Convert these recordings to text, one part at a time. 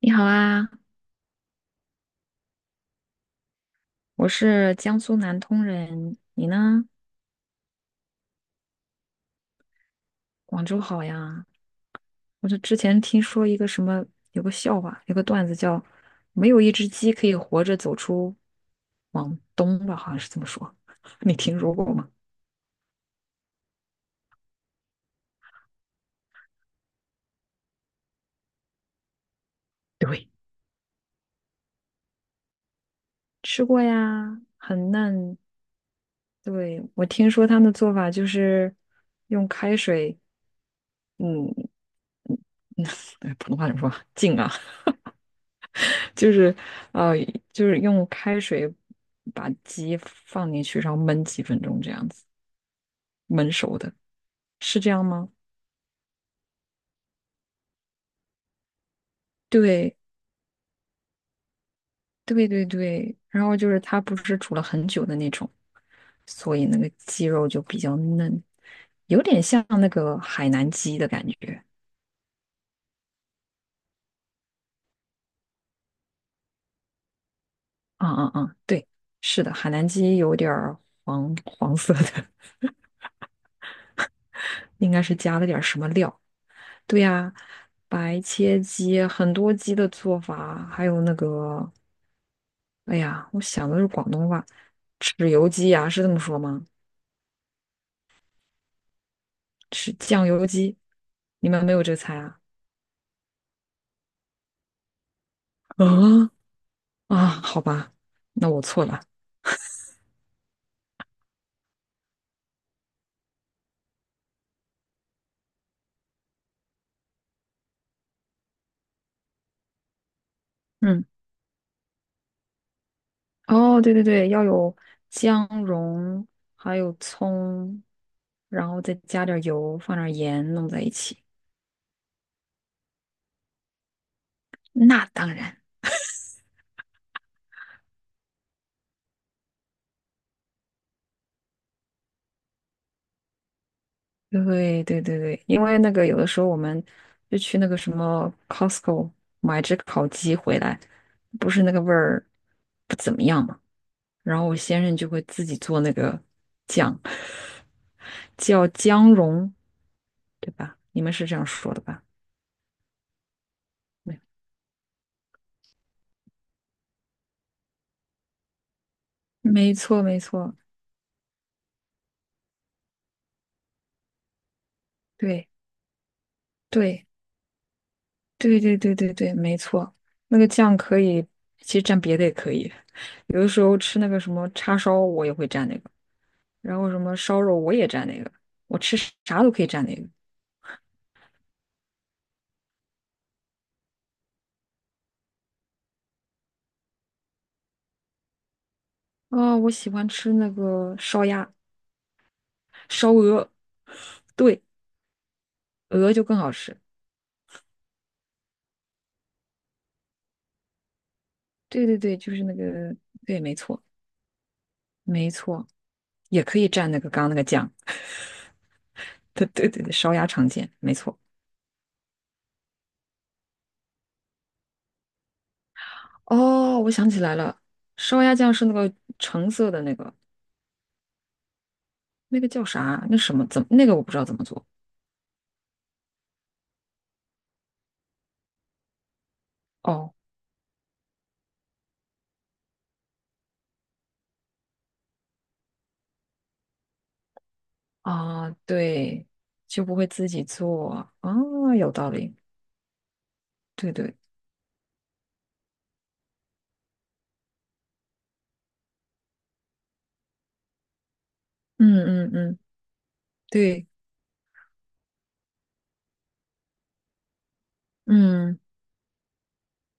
你好啊，我是江苏南通人，你呢？广州好呀。我就之前听说一个什么，有个笑话，有个段子叫“没有一只鸡可以活着走出往东吧”，好像是这么说。你听说过吗？对，吃过呀，很嫩。对，我听说他们的做法就是用开水，嗯，普通话怎么说？浸啊。就是呃，就是用开水把鸡放进去，然后焖几分钟这样子，焖熟的，是这样吗？对，对对对。然后就是它不是煮了很久的那种，所以那个鸡肉就比较嫩，有点像那个海南鸡的感觉。嗯嗯嗯，对，是的，海南鸡有点儿黄黄色的，应该是加了点儿什么料。对呀，白切鸡，很多鸡的做法，还有那个哎呀，我想的是广东话，豉油鸡呀、是这么说吗？是酱油鸡，你们没有这个菜啊？啊啊，好吧，那我错了。嗯，哦，对对对，要有姜蓉，还有葱，然后再加点儿油，放点儿盐，弄在一起。那当然。对对对对，因为那个有的时候我们就去那个什么 Costco 买只烤鸡回来，不是那个味儿不怎么样嘛，然后我先生就会自己做那个酱，叫姜蓉，对吧？你们是这样说的吧？没，没错没错，对对对对对对对，没错，那个酱可以，其实蘸别的也可以，有的时候吃那个什么叉烧，我也会蘸那个。然后什么烧肉我也蘸那个，我吃啥都可以蘸那个。啊！我喜欢吃那个烧鸭、烧鹅，对，鹅就更好吃。对对对，就是那个，对，没错，没错，也可以蘸那个刚刚那个酱。对对对对，烧鸭常见，没错。哦，我想起来了，烧鸭酱是那个橙色的那个，那个叫啥？那什么？怎么？那个我不知道怎么做。哦啊，对，就不会自己做。啊，有道理。对对。嗯嗯嗯，对，嗯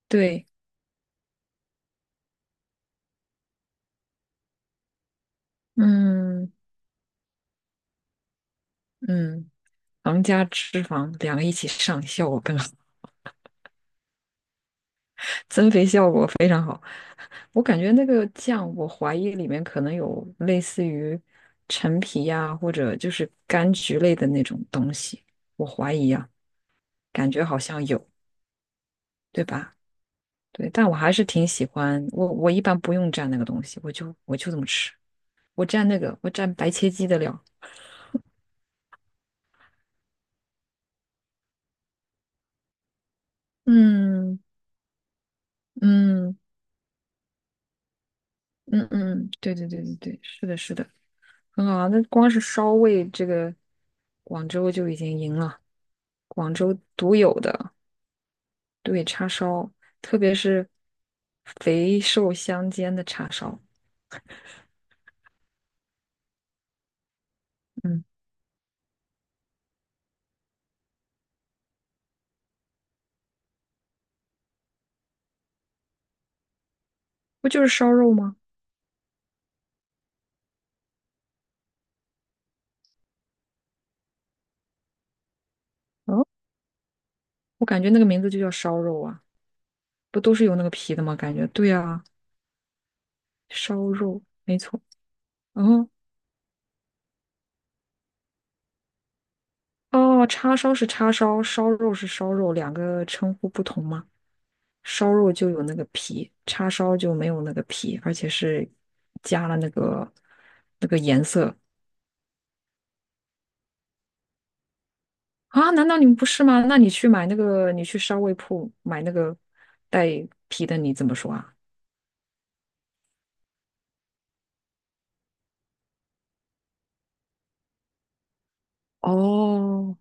对，嗯嗯，糖加脂肪两个一起上，效果更好，增肥效果非常好。我感觉那个酱，我怀疑里面可能有类似于陈皮呀、或者就是柑橘类的那种东西，我怀疑啊，感觉好像有，对吧？对，但我还是挺喜欢，我一般不用蘸那个东西，我就这么吃，我蘸那个，我蘸白切鸡的料。嗯嗯。嗯嗯，对对对对对，是的，是的，很好啊。那光是烧味，这个广州就已经赢了，广州独有的对叉烧，特别是肥瘦相间的叉烧，嗯，不就是烧肉吗？嗯，我感觉那个名字就叫烧肉啊，不都是有那个皮的吗？感觉对啊，烧肉没错。然后哦，叉烧是叉烧，烧肉是烧肉，两个称呼不同吗？烧肉就有那个皮，叉烧就没有那个皮，而且是加了那个那个颜色啊？难道你们不是吗？那你去买那个，你去烧味铺买那个带皮的，你怎么说啊？哦，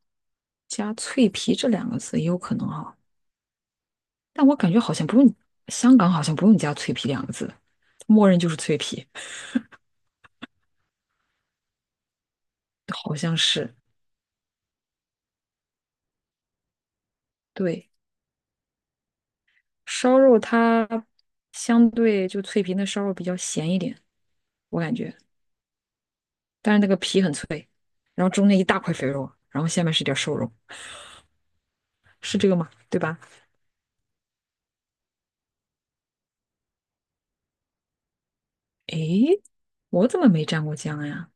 加脆皮这两个字也有可能哈，但我感觉好像不用，香港好像不用加脆皮两个字，默认就是脆皮，好像是。对，烧肉它相对就脆皮那烧肉比较咸一点，我感觉。但是那个皮很脆，然后中间一大块肥肉，然后下面是点瘦肉，是这个吗？对吧？诶，我怎么没蘸过酱呀？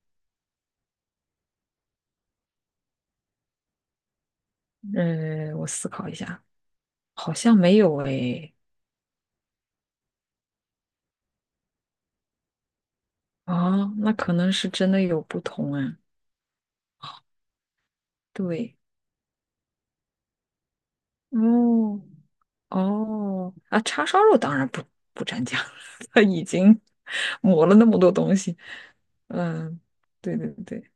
我思考一下，好像没有诶。哦，那可能是真的有不同啊。对，哦哦啊，叉烧肉当然不蘸酱，它已经 抹了那么多东西。嗯，对对对，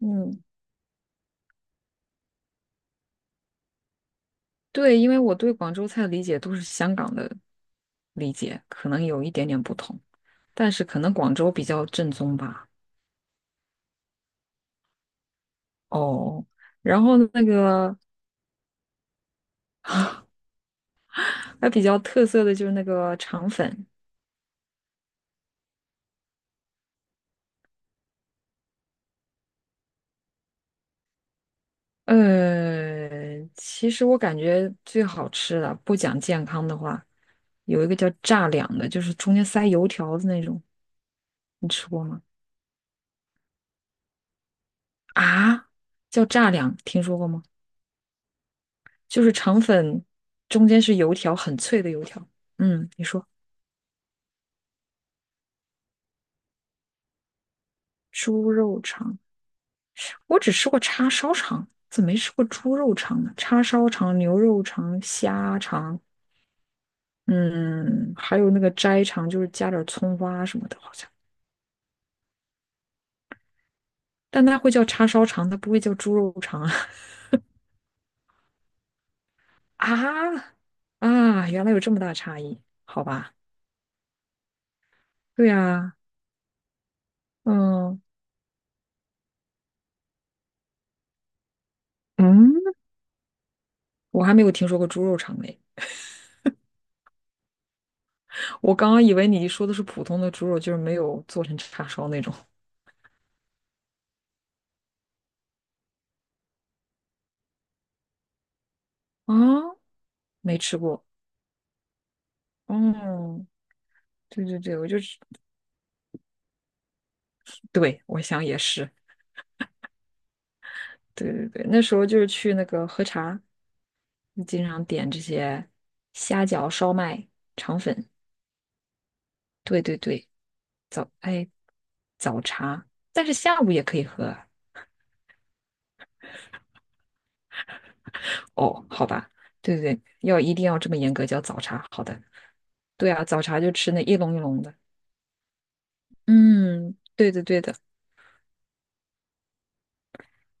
嗯，对，因为我对广州菜的理解都是香港的理解，可能有一点点不同，但是可能广州比较正宗吧。哦，然后那个还比较特色的就是那个肠粉，其实我感觉最好吃的，不讲健康的话，有一个叫炸两的，就是中间塞油条的那种，你吃过吗？啊，叫炸两，听说过吗？就是肠粉中间是油条，很脆的油条。嗯，你说。猪肉肠，我只吃过叉烧肠，怎么没吃过猪肉肠呢？叉烧肠、牛肉肠、虾肠，嗯，还有那个斋肠，就是加点葱花什么的，好像。但它会叫叉烧肠，它不会叫猪肉肠啊！啊啊，原来有这么大差异，好吧？对呀，嗯嗯，我还没有听说过猪肉肠嘞。我刚刚以为你说的是普通的猪肉，就是没有做成叉烧那种啊，没吃过。嗯，对对对，我就对，我想也是，对对对，那时候就是去那个喝茶，经常点这些虾饺、烧麦、肠粉，对对对，早，哎，早茶，但是下午也可以喝啊哦，好吧，对对对，要一定要这么严格叫早茶，好的，对啊，早茶就吃那一笼一笼的，嗯，对的对的，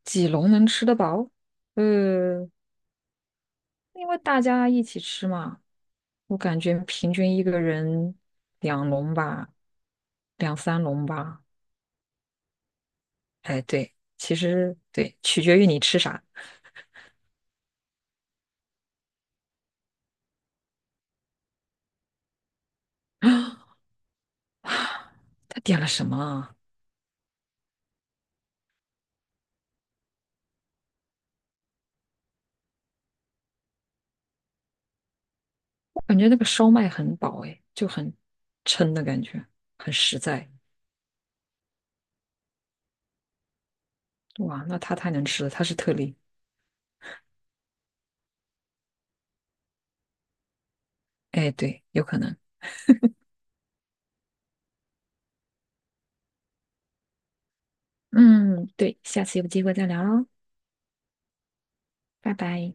几笼能吃得饱？呃，因为大家一起吃嘛，我感觉平均一个人两笼吧，两三笼吧。哎，对，其实对，取决于你吃啥。他点了什么啊？我感觉那个烧麦很饱，哎，就很撑的感觉，很实在。哇，那他太能吃了，他是特例。哎，对，有可能。嗯，对，下次有机会再聊喽，拜拜。